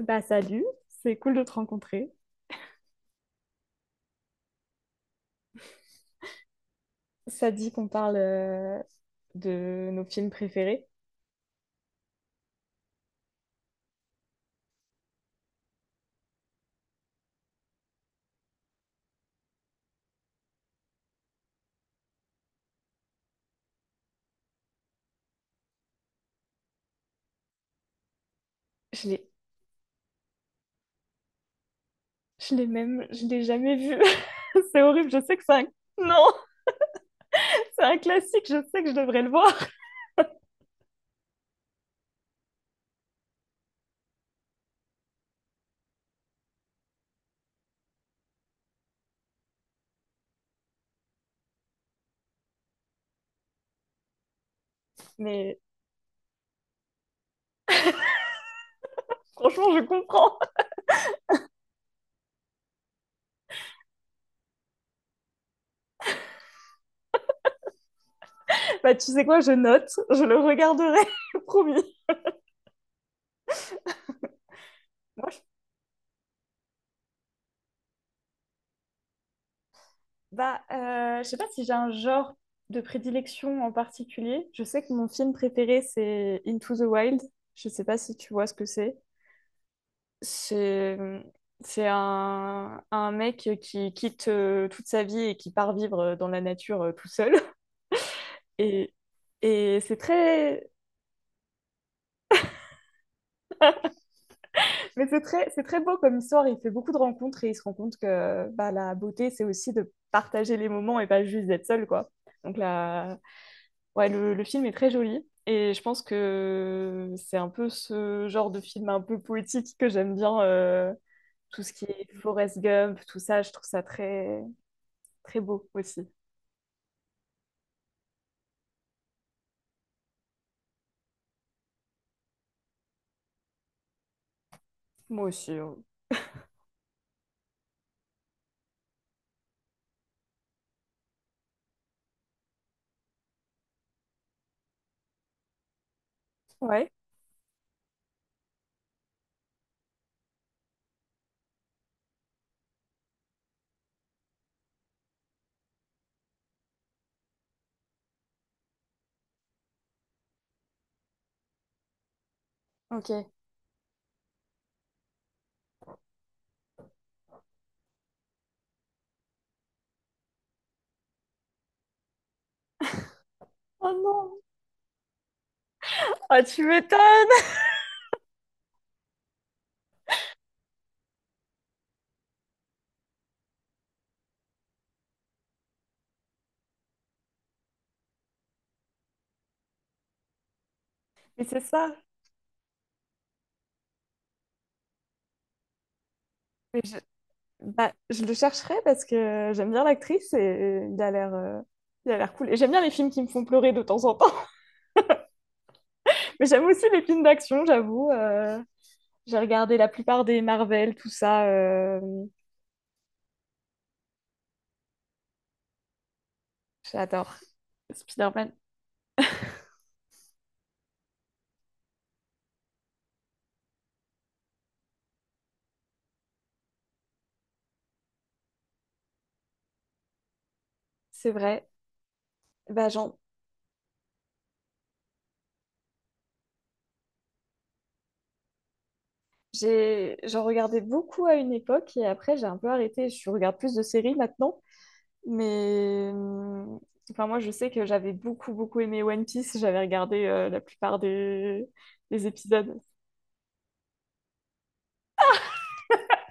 Bah salut, c'est cool de te rencontrer. Ça dit qu'on parle de nos films préférés. Je l'ai, je l'ai jamais vu. C'est horrible, je sais que c'est un... Non, c'est un classique, je sais que je devrais le voir. Mais franchement, je comprends. Bah tu sais quoi, je note, je le regarderai, promis. Moi, je... Bah, je sais pas si j'ai un genre de prédilection en particulier. Je sais que mon film préféré, c'est Into the Wild. Je sais pas si tu vois ce que c'est. c'est mmh, c'est un mec qui quitte toute sa vie et qui part vivre dans la nature tout seul. Et, et c'est très, mais c'est très beau comme histoire. Il fait beaucoup de rencontres et il se rend compte que bah, la beauté, c'est aussi de partager les moments et pas juste d'être seul, quoi. Donc là, ouais, le film est très joli. Et je pense que c'est un peu ce genre de film un peu poétique que j'aime bien. Tout ce qui est Forrest Gump, tout ça, je trouve ça très, très beau aussi. Moi aussi, hein. Ouais, ok. Oh non! Ah, tu m'étonnes! Mais c'est ça. Mais je... Bah, je le chercherai parce que j'aime bien l'actrice et il a l'air cool. Et j'aime bien les films qui me font pleurer de temps en temps. Mais j'aime aussi les films d'action, j'avoue. J'ai regardé la plupart des Marvel, tout ça. J'adore. Spider-Man, c'est vrai. Bah, j'en regardais beaucoup à une époque et après j'ai un peu arrêté. Je regarde plus de séries maintenant. Mais enfin, moi, je sais que j'avais beaucoup, beaucoup aimé One Piece. J'avais regardé la plupart des épisodes.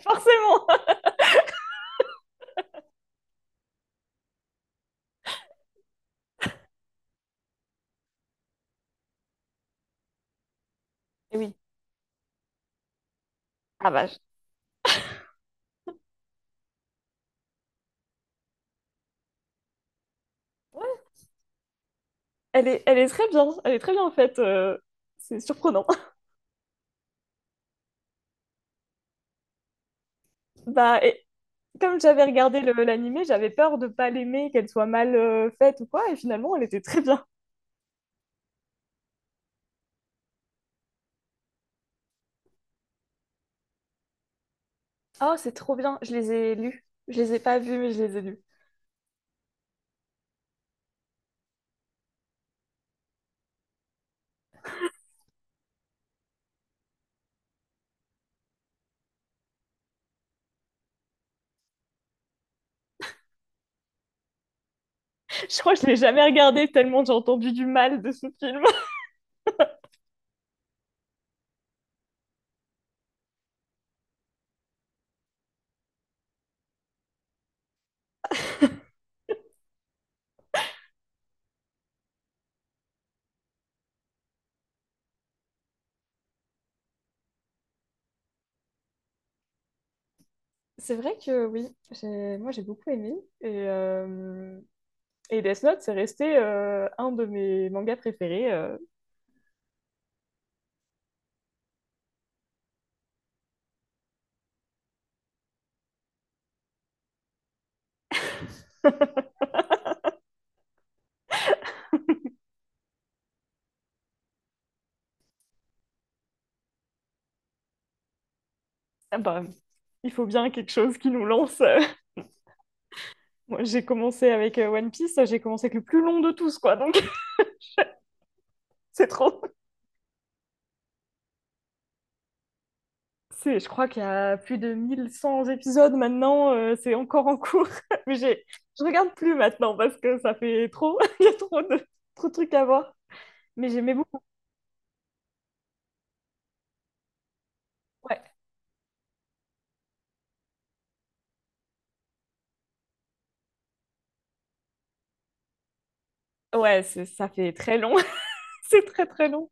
Forcément! Oui. Ah bah, ouais. Elle est très bien. Elle est très bien en fait. C'est surprenant. Bah, et comme j'avais regardé l'animé, j'avais peur de pas l'aimer, qu'elle soit mal faite ou quoi. Et finalement, elle était très bien. Oh, c'est trop bien. Je les ai lus. Je les ai pas vus, mais je les ai lus. Je crois que je l'ai jamais regardé tellement j'ai entendu du mal de ce film. C'est vrai que oui, moi j'ai beaucoup aimé. Et, euh, et Death Note, c'est resté un de mes mangas préférés. Ah bah, il faut bien quelque chose qui nous lance. Moi j'ai commencé avec One Piece, j'ai commencé avec le plus long de tous, quoi. Donc c'est trop. Je crois qu'il y a plus de 1 100 épisodes maintenant, c'est encore en cours. Mais j'ai, je regarde plus maintenant parce que ça fait trop. Il y a trop de trucs à voir. Mais j'aimais beaucoup. Ouais, ouais, ça fait très long. C'est très très long.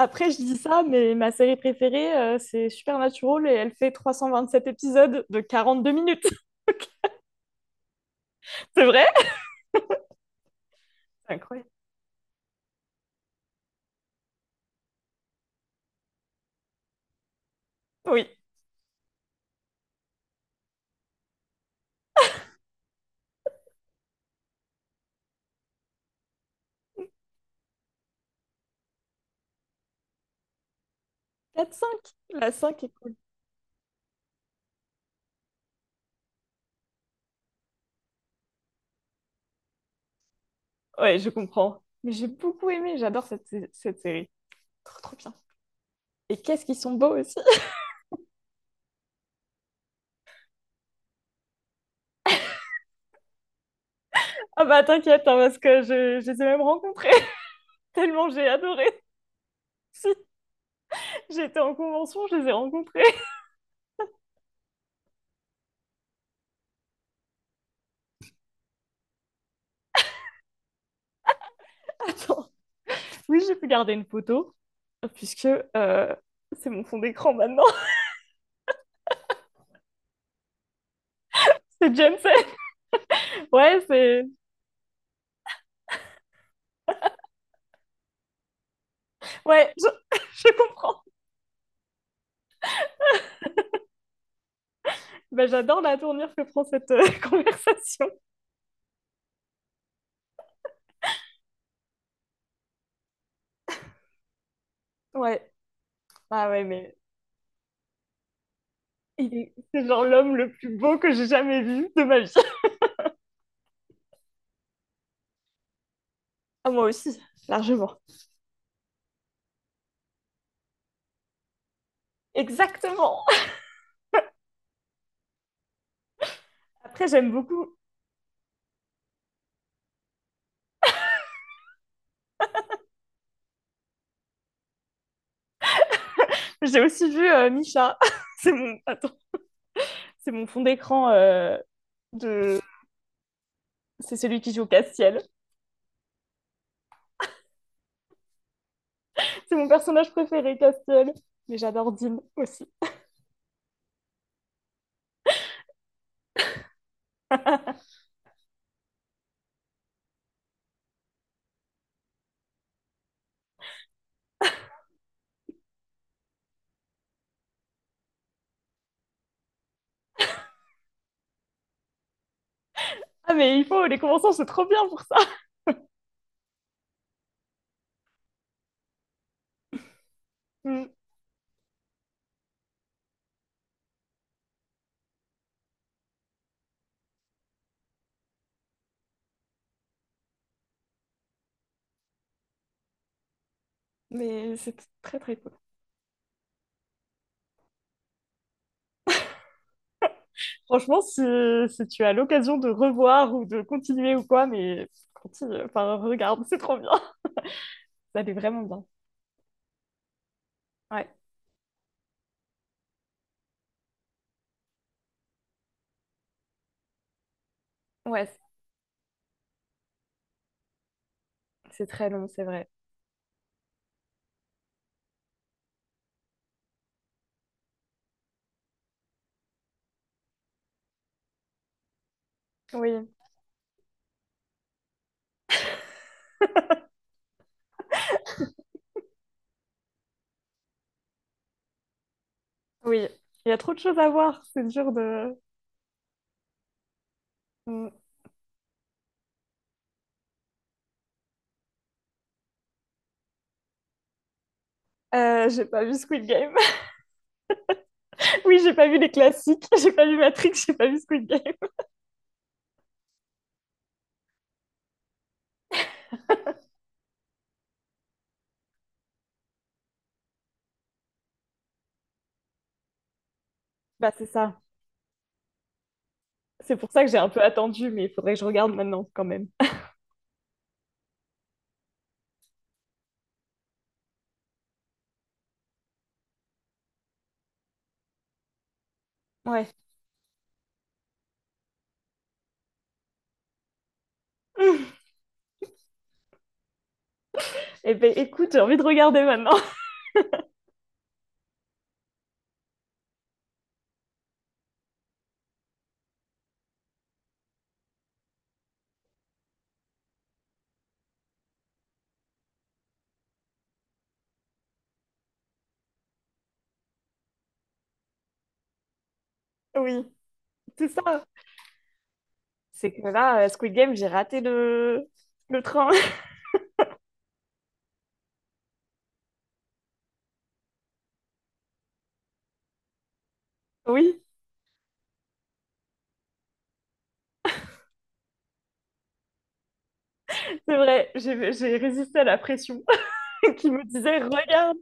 Après, je dis ça, mais ma série préférée, c'est Supernatural et elle fait 327 épisodes de 42 minutes. C'est vrai? C'est incroyable. Oui. Quatre cinq. La cinq est cool. Ouais, je comprends. Mais j'ai beaucoup aimé, j'adore cette série. Trop, trop bien. Et qu'est-ce qu'ils sont beaux aussi. Ah bah t'inquiète, hein, parce que je les ai même rencontrés. Tellement j'ai adoré. Si, j'étais en convention, je les ai rencontrés. Attends. Oui, j'ai pu garder une photo, puisque euh, c'est mon fond d'écran maintenant. C'est Jensen. Ouais, c'est Ouais, je, je comprends. Bah, j'adore la tournure que prend cette conversation. Ouais. Ah ouais, mais c'est genre l'homme le plus beau que j'ai jamais vu de ma vie. Ah, moi aussi, largement. Exactement. Après, j'aime beaucoup. J'ai aussi vu Misha. C'est mon... Attends, c'est mon fond d'écran de... C'est celui qui joue Castiel. C'est mon personnage préféré, Castiel. Mais j'adore Dean aussi. Ah, mais il faut, les conventions, c'est trop bien pour ça. Mm. Mais c'est très, très Franchement, si tu as l'occasion de revoir ou de continuer ou quoi, mais continue, enfin, regarde, c'est trop bien. Ça allait vraiment bien. Ouais, ouais, c'est très long, c'est vrai. Oui, oui. Il y a trop de choses à voir, c'est dur de... Mm. J'ai pas vu Squid Game. Oui, j'ai pas vu les classiques. J'ai pas vu Matrix, j'ai pas vu Squid Game. Bah, c'est ça. C'est pour ça que j'ai un peu attendu, mais il faudrait que je regarde maintenant quand même. Ouais. Eh ben, écoute, j'ai envie de regarder maintenant. Oui, c'est ça. C'est que là, Squid Game, j'ai raté le train. Oui, c'est vrai, j'ai résisté à la pression qui me disait, regarde.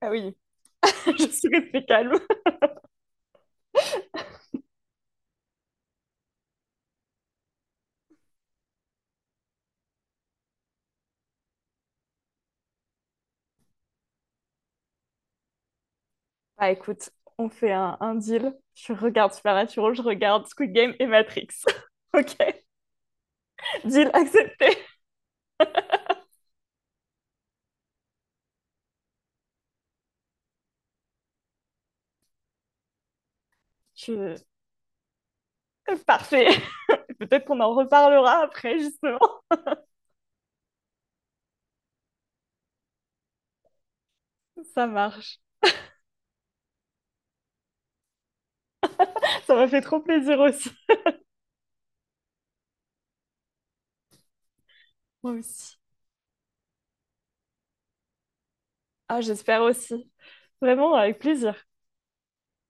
Ah oui, je suis restée calme. Bah écoute, on fait un deal. Je regarde Supernatural, je regarde Squid Game et Matrix. Ok, deal accepté. Je- Parfait. Peut-être qu'on en reparlera après, justement. Ça marche. Ça m'a fait trop plaisir aussi. Moi aussi. Ah, j'espère aussi. Vraiment, avec plaisir.